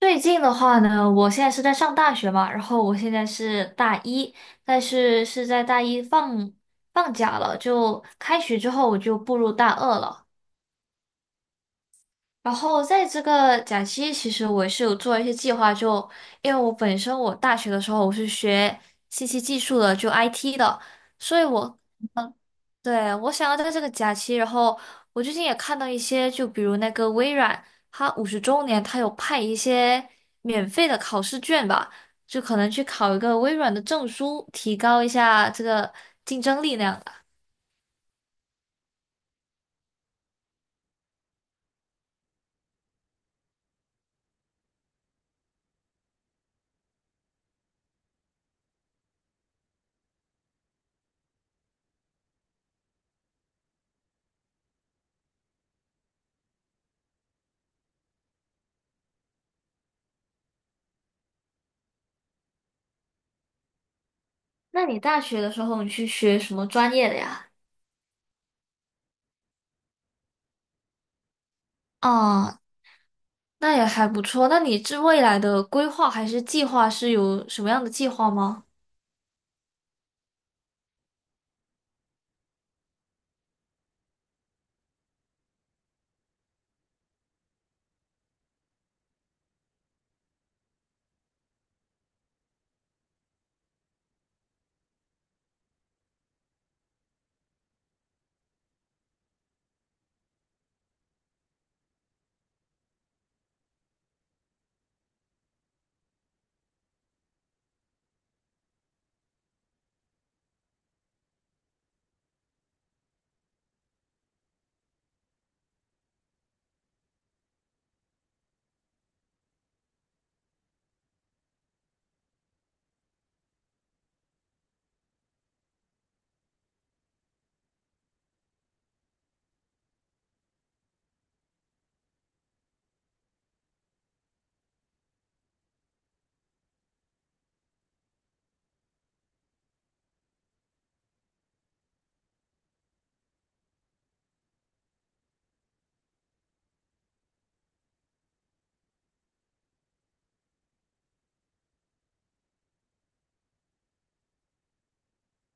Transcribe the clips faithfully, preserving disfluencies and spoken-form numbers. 最近的话呢，我现在是在上大学嘛，然后我现在是大一，但是是在大一放放假了，就开学之后我就步入大二了。然后在这个假期，其实我是有做一些计划就，因为我本身我大学的时候我是学信息技术的，就 I T 的，所以我对，我想要在这个假期，然后我最近也看到一些，就比如那个微软，它五十周年，它有派一些免费的考试卷吧，就可能去考一个微软的证书，提高一下这个竞争力那样的。那你大学的时候，你去学什么专业的呀？哦，那也还不错。那你这未来的规划还是计划是有什么样的计划吗？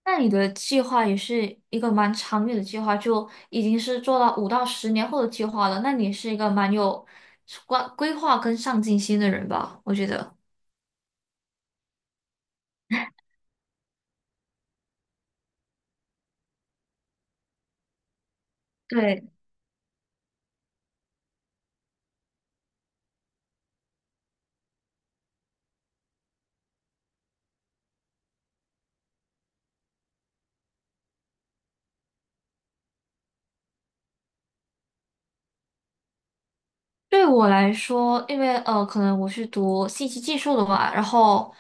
那你的计划也是一个蛮长远的计划，就已经是做到五到十年后的计划了。那你是一个蛮有规规划跟上进心的人吧？我觉得。对。对我来说，因为呃，可能我是读信息技术的嘛，然后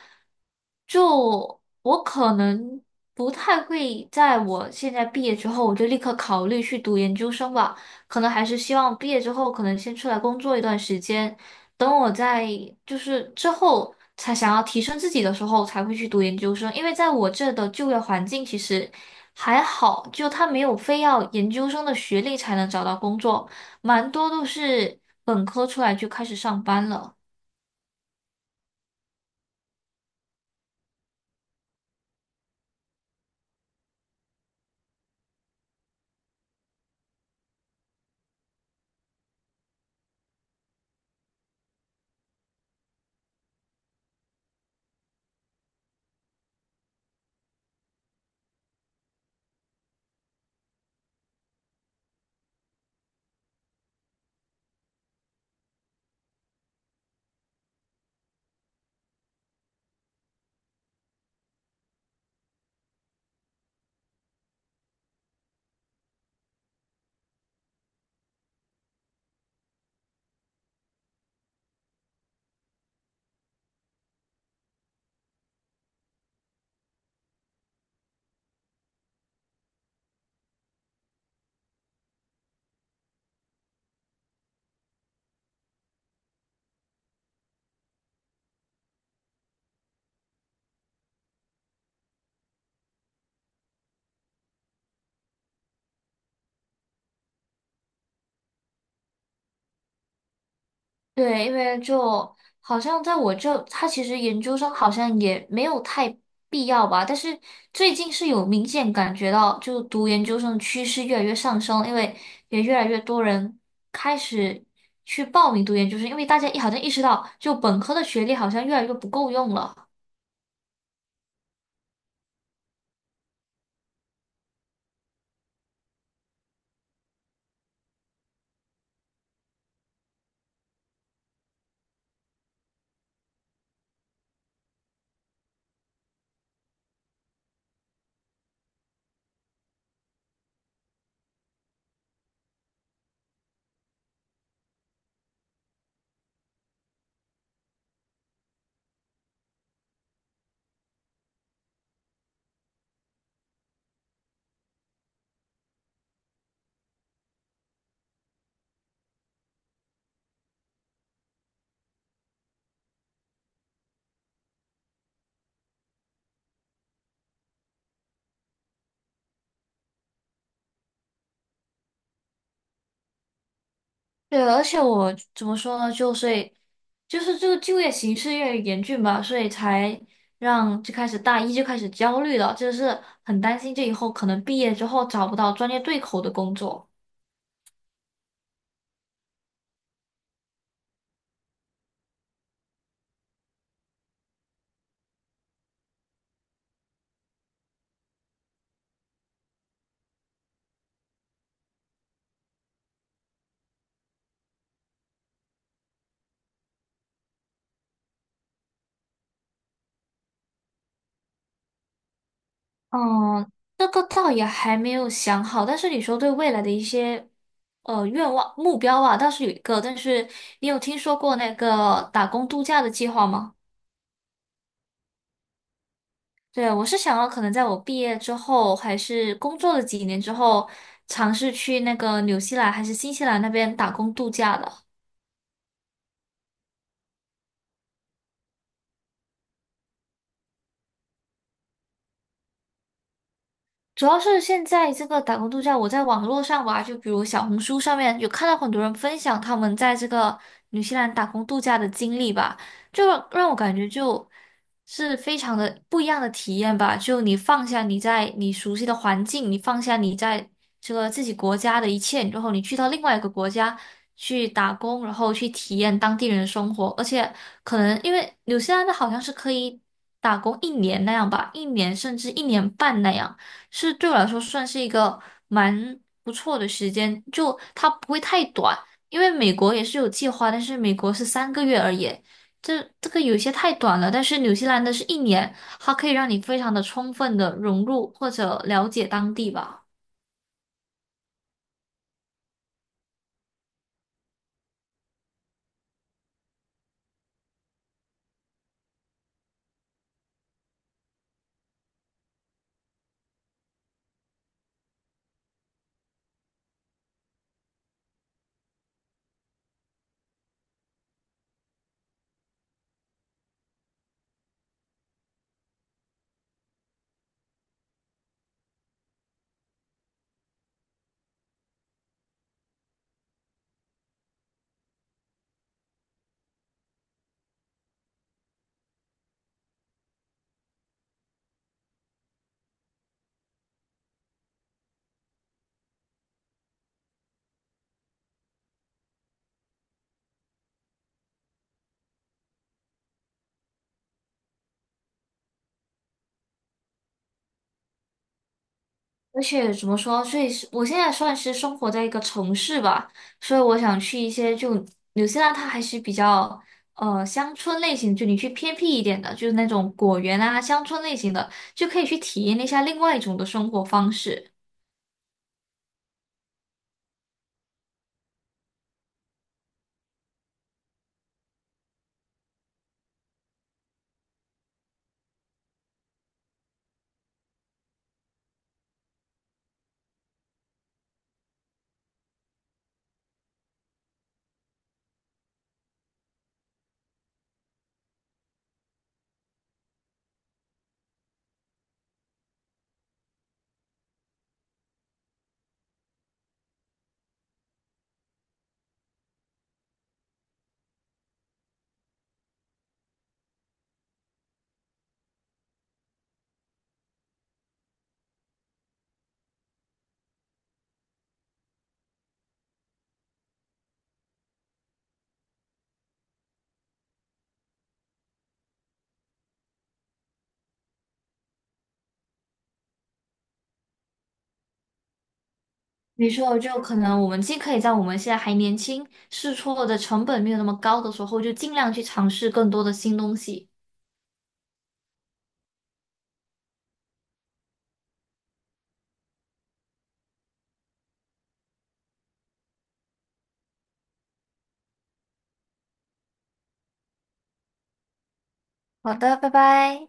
就我可能不太会在我现在毕业之后，我就立刻考虑去读研究生吧，可能还是希望毕业之后，可能先出来工作一段时间，等我在就是之后才想要提升自己的时候，才会去读研究生，因为在我这的就业环境其实还好，就他没有非要研究生的学历才能找到工作。蛮多都是本科出来就开始上班了。对，因为就好像在我这，他其实研究生好像也没有太必要吧。但是最近是有明显感觉到，就读研究生的趋势越来越上升，因为也越来越多人开始去报名读研究生，因为大家一好像意识到，就本科的学历好像越来越不够用了。对，而且我怎么说呢？就所以就是这个就业形势越来越严峻吧，所以才让就开始大一就开始焦虑了，就是很担心这以后可能毕业之后找不到专业对口的工作。嗯，这个倒也还没有想好，但是你说对未来的一些呃愿望目标啊，倒是有一个，但是你有听说过那个打工度假的计划吗？对，我是想要可能在我毕业之后，还是工作了几年之后，尝试去那个纽西兰还是新西兰那边打工度假的。主要是现在这个打工度假，我在网络上吧，就比如小红书上面有看到很多人分享他们在这个纽西兰打工度假的经历吧，就让我感觉就是非常的不一样的体验吧。就你放下你在你熟悉的环境，你放下你在这个自己国家的一切，然后你去到另外一个国家去打工，然后去体验当地人的生活，而且可能因为纽西兰的好像是可以打工一年那样吧，一年甚至一年半那样。是对我来说算是一个蛮不错的时间，就它不会太短，因为美国也是有计划，但是美国是三个月而已，这这个有些太短了。但是纽西兰的是一年，它可以让你非常的充分的融入或者了解当地吧。而且怎么说，所以是我现在算是生活在一个城市吧，所以我想去一些就纽西兰，它还是比较呃乡村类型，就你去偏僻一点的，就是那种果园啊乡村类型的，就可以去体验一下另外一种的生活方式。没错，就可能我们既可以在我们现在还年轻，试错的成本没有那么高的时候，就尽量去尝试更多的新东西。好的，拜拜。